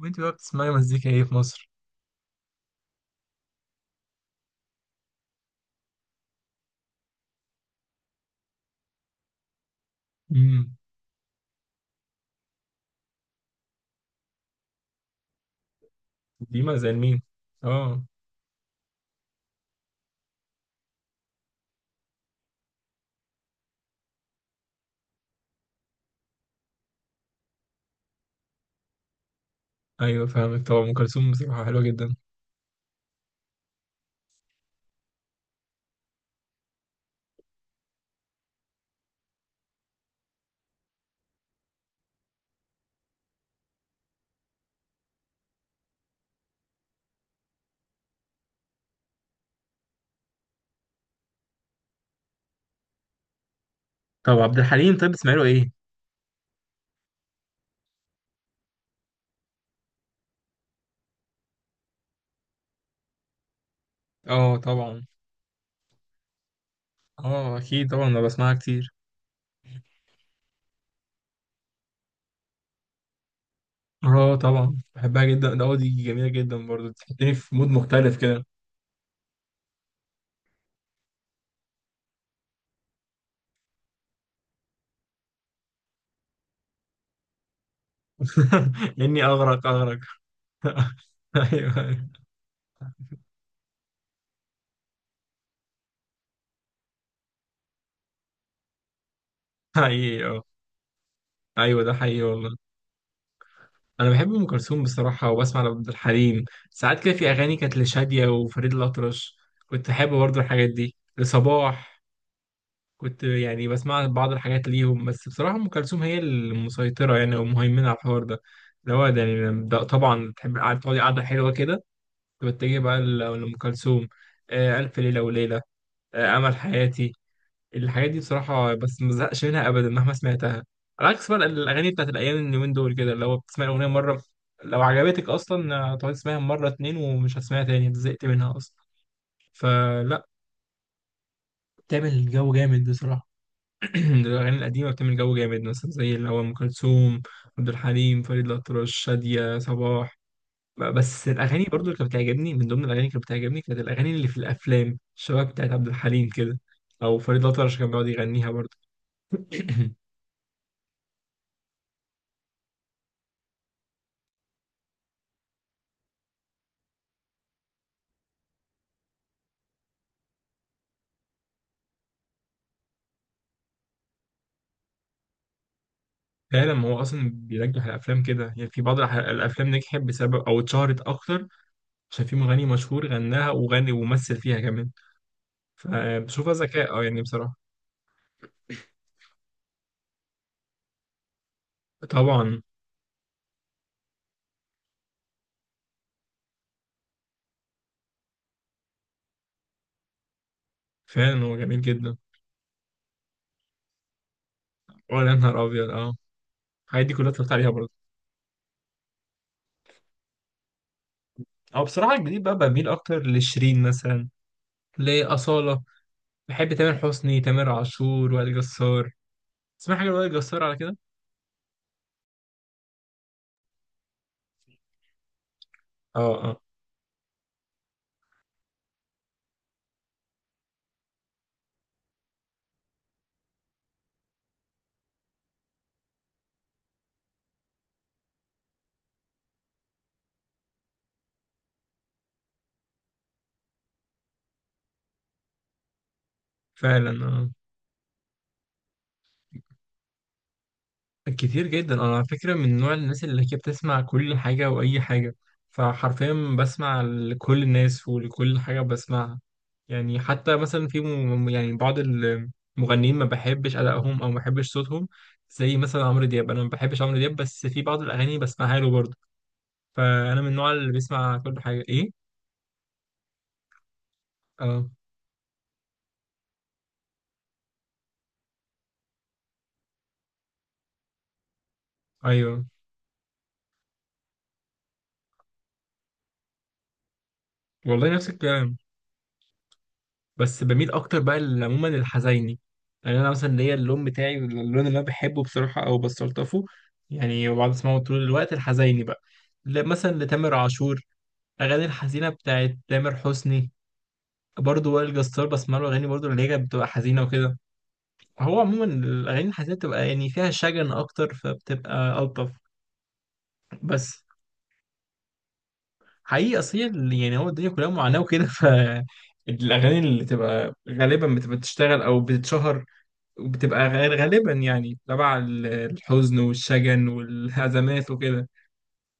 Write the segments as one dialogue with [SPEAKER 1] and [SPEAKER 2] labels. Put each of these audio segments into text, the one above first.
[SPEAKER 1] وانت بقى بتسمعي مزيكا ايه في مصر؟ امم. ديما زي مين؟ اه. ايوه، فاهمك. طبعا ام كلثوم بصراحه حلوه جدا. طب عبد الحليم، طيب بتسمع له ايه؟ اه، طبعا. اه، اكيد طبعا انا بسمعها كتير. اه طبعا بحبها جدا ده، دي جميله جدا برضو تحطني في مود مختلف كده. اني اغرق اغرق. ايوه. حقيقي اه. ايوه ده حقيقي والله. انا بحب ام كلثوم بصراحه وبسمع لعبد الحليم ساعات كده. في اغاني كانت لشاديه وفريد الاطرش كنت احب برضو الحاجات دي، لصباح كنت يعني بسمع بعض الحاجات ليهم، بس بصراحة أم كلثوم هي المسيطرة يعني أو مهيمنة على الحوار ده. اللي هو ده يعني ده طبعا تحب تقعدي قعدة حلوة كده، تتجه بقى لأم كلثوم. ألف ليلة وليلة، أمل حياتي، الحاجات دي بصراحة. بس ما بزهقش منها أبدا مهما سمعتها، على عكس بقى الأغاني بتاعت الأيام اليومين دول كده، اللي هو بتسمعي الأغنية مرة، لو عجبتك أصلا هتقعدي تسمعيها مرة اتنين ومش هتسمعيها تاني، زهقت منها أصلا فلا. بتعمل جو جامد بصراحة. الأغاني القديمة بتعمل جو جامد، مثلا زي اللي هو أم كلثوم، عبد الحليم، فريد الأطرش، شادية، صباح. بس الأغاني برضو اللي كانت بتعجبني، من ضمن الأغاني اللي كانت بتعجبني كانت الأغاني اللي في الأفلام، شباب بتاعت عبد الحليم كده، أو فريد الأطرش كان بيقعد يغنيها برضو. فعلا، ما هو أصلا بينجح الأفلام كده يعني، في بعض الأفلام نجحت بسبب أو اتشهرت أكتر عشان في مغني مشهور غناها وغني ومثل فيها كمان، فبشوفها ذكاء يعني بصراحة. طبعا. فعلا هو جميل جدا. ولا نهار أبيض، آه. الحاجات دي كلها اتفرجت عليها برضه. او بصراحه الجديد بقى بميل اكتر لشيرين مثلا، لاصاله، بحب تامر حسني، تامر عاشور، وائل جسار. تسمع حاجه لوائل جسار على كده؟ اه اه، فعلا. اه، كتير جدا. انا على فكره من نوع الناس اللي هي بتسمع كل حاجه واي حاجه، فحرفيا بسمع لكل الناس ولكل حاجه بسمعها. يعني حتى مثلا في يعني بعض المغنيين ما بحبش أدائهم أو ما بحبش صوتهم، زي مثلا عمرو دياب، أنا ما بحبش عمرو دياب، بس في بعض الأغاني بسمعها له برضه. فانا من النوع اللي بيسمع كل حاجه ايه. اه. ايوه والله، نفس الكلام. بس بميل اكتر بقى عموما للحزيني. يعني انا مثلا ليا اللون بتاعي، اللون اللي انا بحبه بصراحه او بستلطفه يعني، وبقعد اسمعه طول الوقت، الحزيني بقى، مثلا لتامر عاشور، اغاني الحزينه بتاعت تامر حسني، برضه وائل جسار بسمع له اغاني برضه اللي هي كانت بتبقى حزينه وكده. هو عموما الاغاني الحزينه بتبقى يعني فيها شجن اكتر فبتبقى الطف. بس حقيقي، اصل هي يعني هو الدنيا كلها معاناة وكده ف الاغاني اللي تبقى غالبا بتبقى بتشتغل او بتتشهر، وبتبقى غير غالبا يعني تبع الحزن والشجن والهزمات وكده.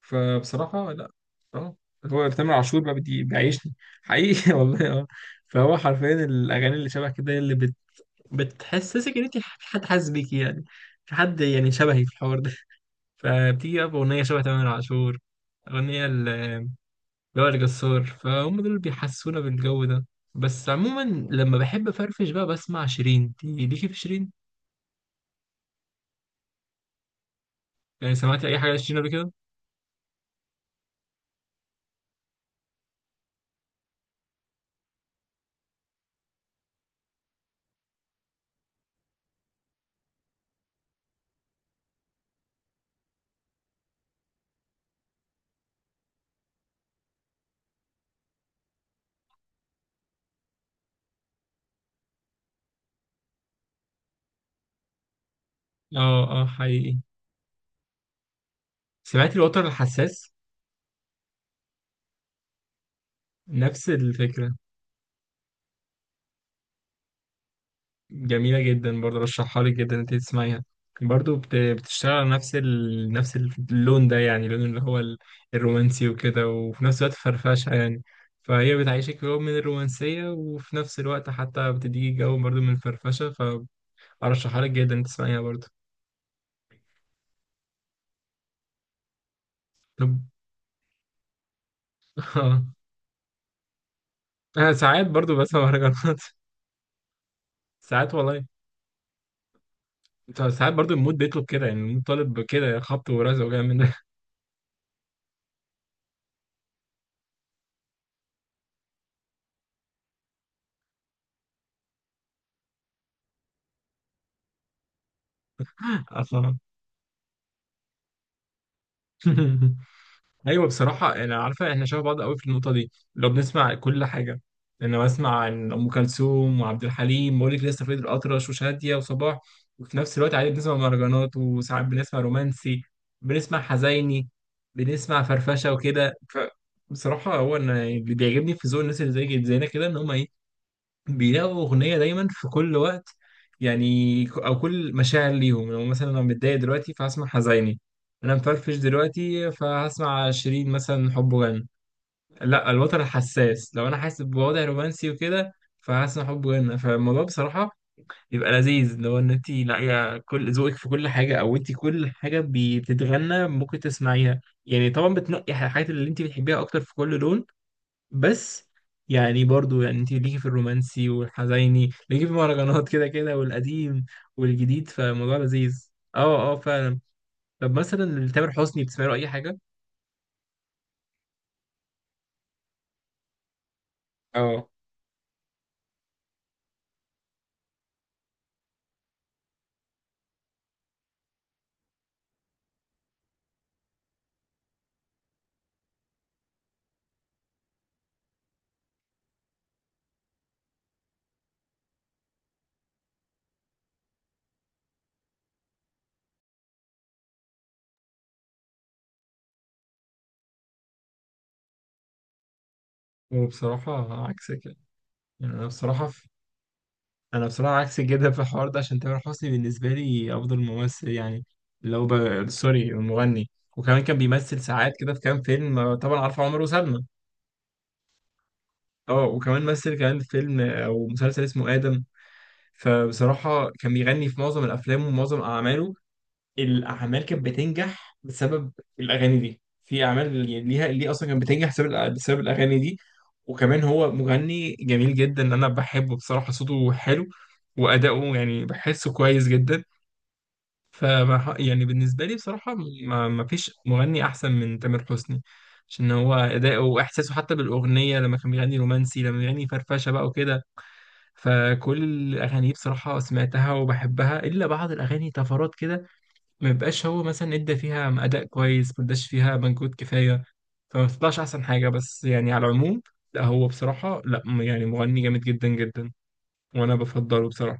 [SPEAKER 1] فبصراحة لا. اه. هو تامر عاشور بقى بدي بيعيشني. حقيقي والله، اه. فهو حرفيا الاغاني اللي شبه كده هي اللي بتحسسك ان انت في حد حاسس بيكي يعني، في حد يعني شبهي في الحوار ده. فبتيجي بقى باغنية شبه تامر عاشور، اغنية جوهر، جسار، فهم دول اللي بيحسونا بالجو ده. بس عموما لما بحب افرفش بقى بسمع شيرين. دي ليكي في شيرين؟ يعني سمعتي اي حاجه لشيرين قبل كده؟ اه اه، حقيقي. سمعتي الوتر الحساس؟ نفس الفكره. جميله جدا برضه، رشحها لك جدا انت تسمعيها. برضه بتشتغل على نفس نفس اللون ده يعني، اللون اللي هو الرومانسي وكده، وفي نفس الوقت فرفشه يعني. فهي بتعيشك جو من الرومانسية، وفي نفس الوقت حتى بتديكي جو برضه من الفرفشة. ارشحها لك جدا تسمعيها برضه. طب. اه، انا ساعات برضه بسمع مهرجانات. ساعات والله. ساعات برضه المود بيطلب كده، يعني المود طالب كده، خبط ورزع وجاي من اه ايوه بصراحه، انا عارفه احنا شبه بعض قوي في النقطه دي، لو بنسمع كل حاجه. انا بسمع عن ام كلثوم وعبد الحليم واقول لك لسه فريد الاطرش وشاديه وصباح، وفي نفس الوقت عادي بنسمع مهرجانات، وساعات بنسمع رومانسي، بنسمع حزيني، بنسمع فرفشه وكده. ف بصراحه هو انا اللي بيعجبني في ذوق الناس اللي زي زينا كده، ان هم ايه، بيلاقوا أغنية دايما في كل وقت، يعني أو كل مشاعر ليهم. لو مثلا أنا متضايق دلوقتي فهسمع حزيني، أنا مفرفش دلوقتي فهسمع شيرين مثلا، حب غنى، لا الوتر حساس، لو أنا حاسس بوضع رومانسي وكده فهسمع حب غنى. فالموضوع بصراحة بيبقى لذيذ، لو إن أنت لاقية كل ذوقك في كل حاجة، أو أنت كل حاجة بتتغنى ممكن تسمعيها، يعني طبعا بتنقي الحاجات اللي أنت بتحبيها أكتر في كل لون. بس يعني برضو يعني انت ليكي في الرومانسي والحزيني، ليكي في المهرجانات كده كده، والقديم والجديد، فموضوع لذيذ. اه اه، فعلا. طب مثلا لتامر حسني بتسمعي له اي حاجه؟ اه. وبصراحه عكسك يعني، يعني انا بصراحه انا بصراحه عكسك جدا في الحوار ده، عشان تامر حسني بالنسبه لي افضل ممثل يعني، لو سوري مغني. وكمان كان بيمثل ساعات كده في كام فيلم، طبعا عارفه عمر وسلمى. اه، وكمان مثل كمان في فيلم او مسلسل اسمه ادم. فبصراحة كان بيغني في معظم الأفلام، ومعظم أعماله الأعمال كانت بتنجح بسبب الأغاني دي، في أعمال يعني ليها اللي أصلا كانت بتنجح بسبب بسبب الأغاني دي. وكمان هو مغني جميل جدا، أنا بحبه بصراحة، صوته حلو وأداؤه يعني بحسه كويس جدا. فما يعني بالنسبة لي بصراحة ما فيش مغني أحسن من تامر حسني، عشان هو أداؤه وإحساسه حتى بالأغنية، لما كان بيغني رومانسي، لما بيغني فرفشة بقى وكده. فكل الاغاني بصراحه سمعتها وبحبها، الا بعض الاغاني طفرات كده، ما بيبقاش هو مثلا ادى فيها اداء كويس، ما اداش فيها مجهود كفايه فما بتطلعش احسن حاجه. بس يعني على العموم لا، هو بصراحه لا، يعني مغني جامد جدا جدا، وانا بفضله بصراحه.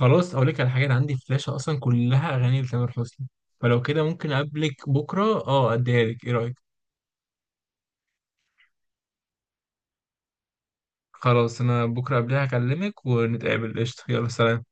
[SPEAKER 1] خلاص، اقول لك على حاجه، انا عندي فلاشه اصلا كلها اغاني لتامر حسني، فلو كده ممكن اقابلك بكره اديها لك. ايه رايك؟ خلاص، انا بكره قبلها هكلمك ونتقابل، قشطه، يلا سلام.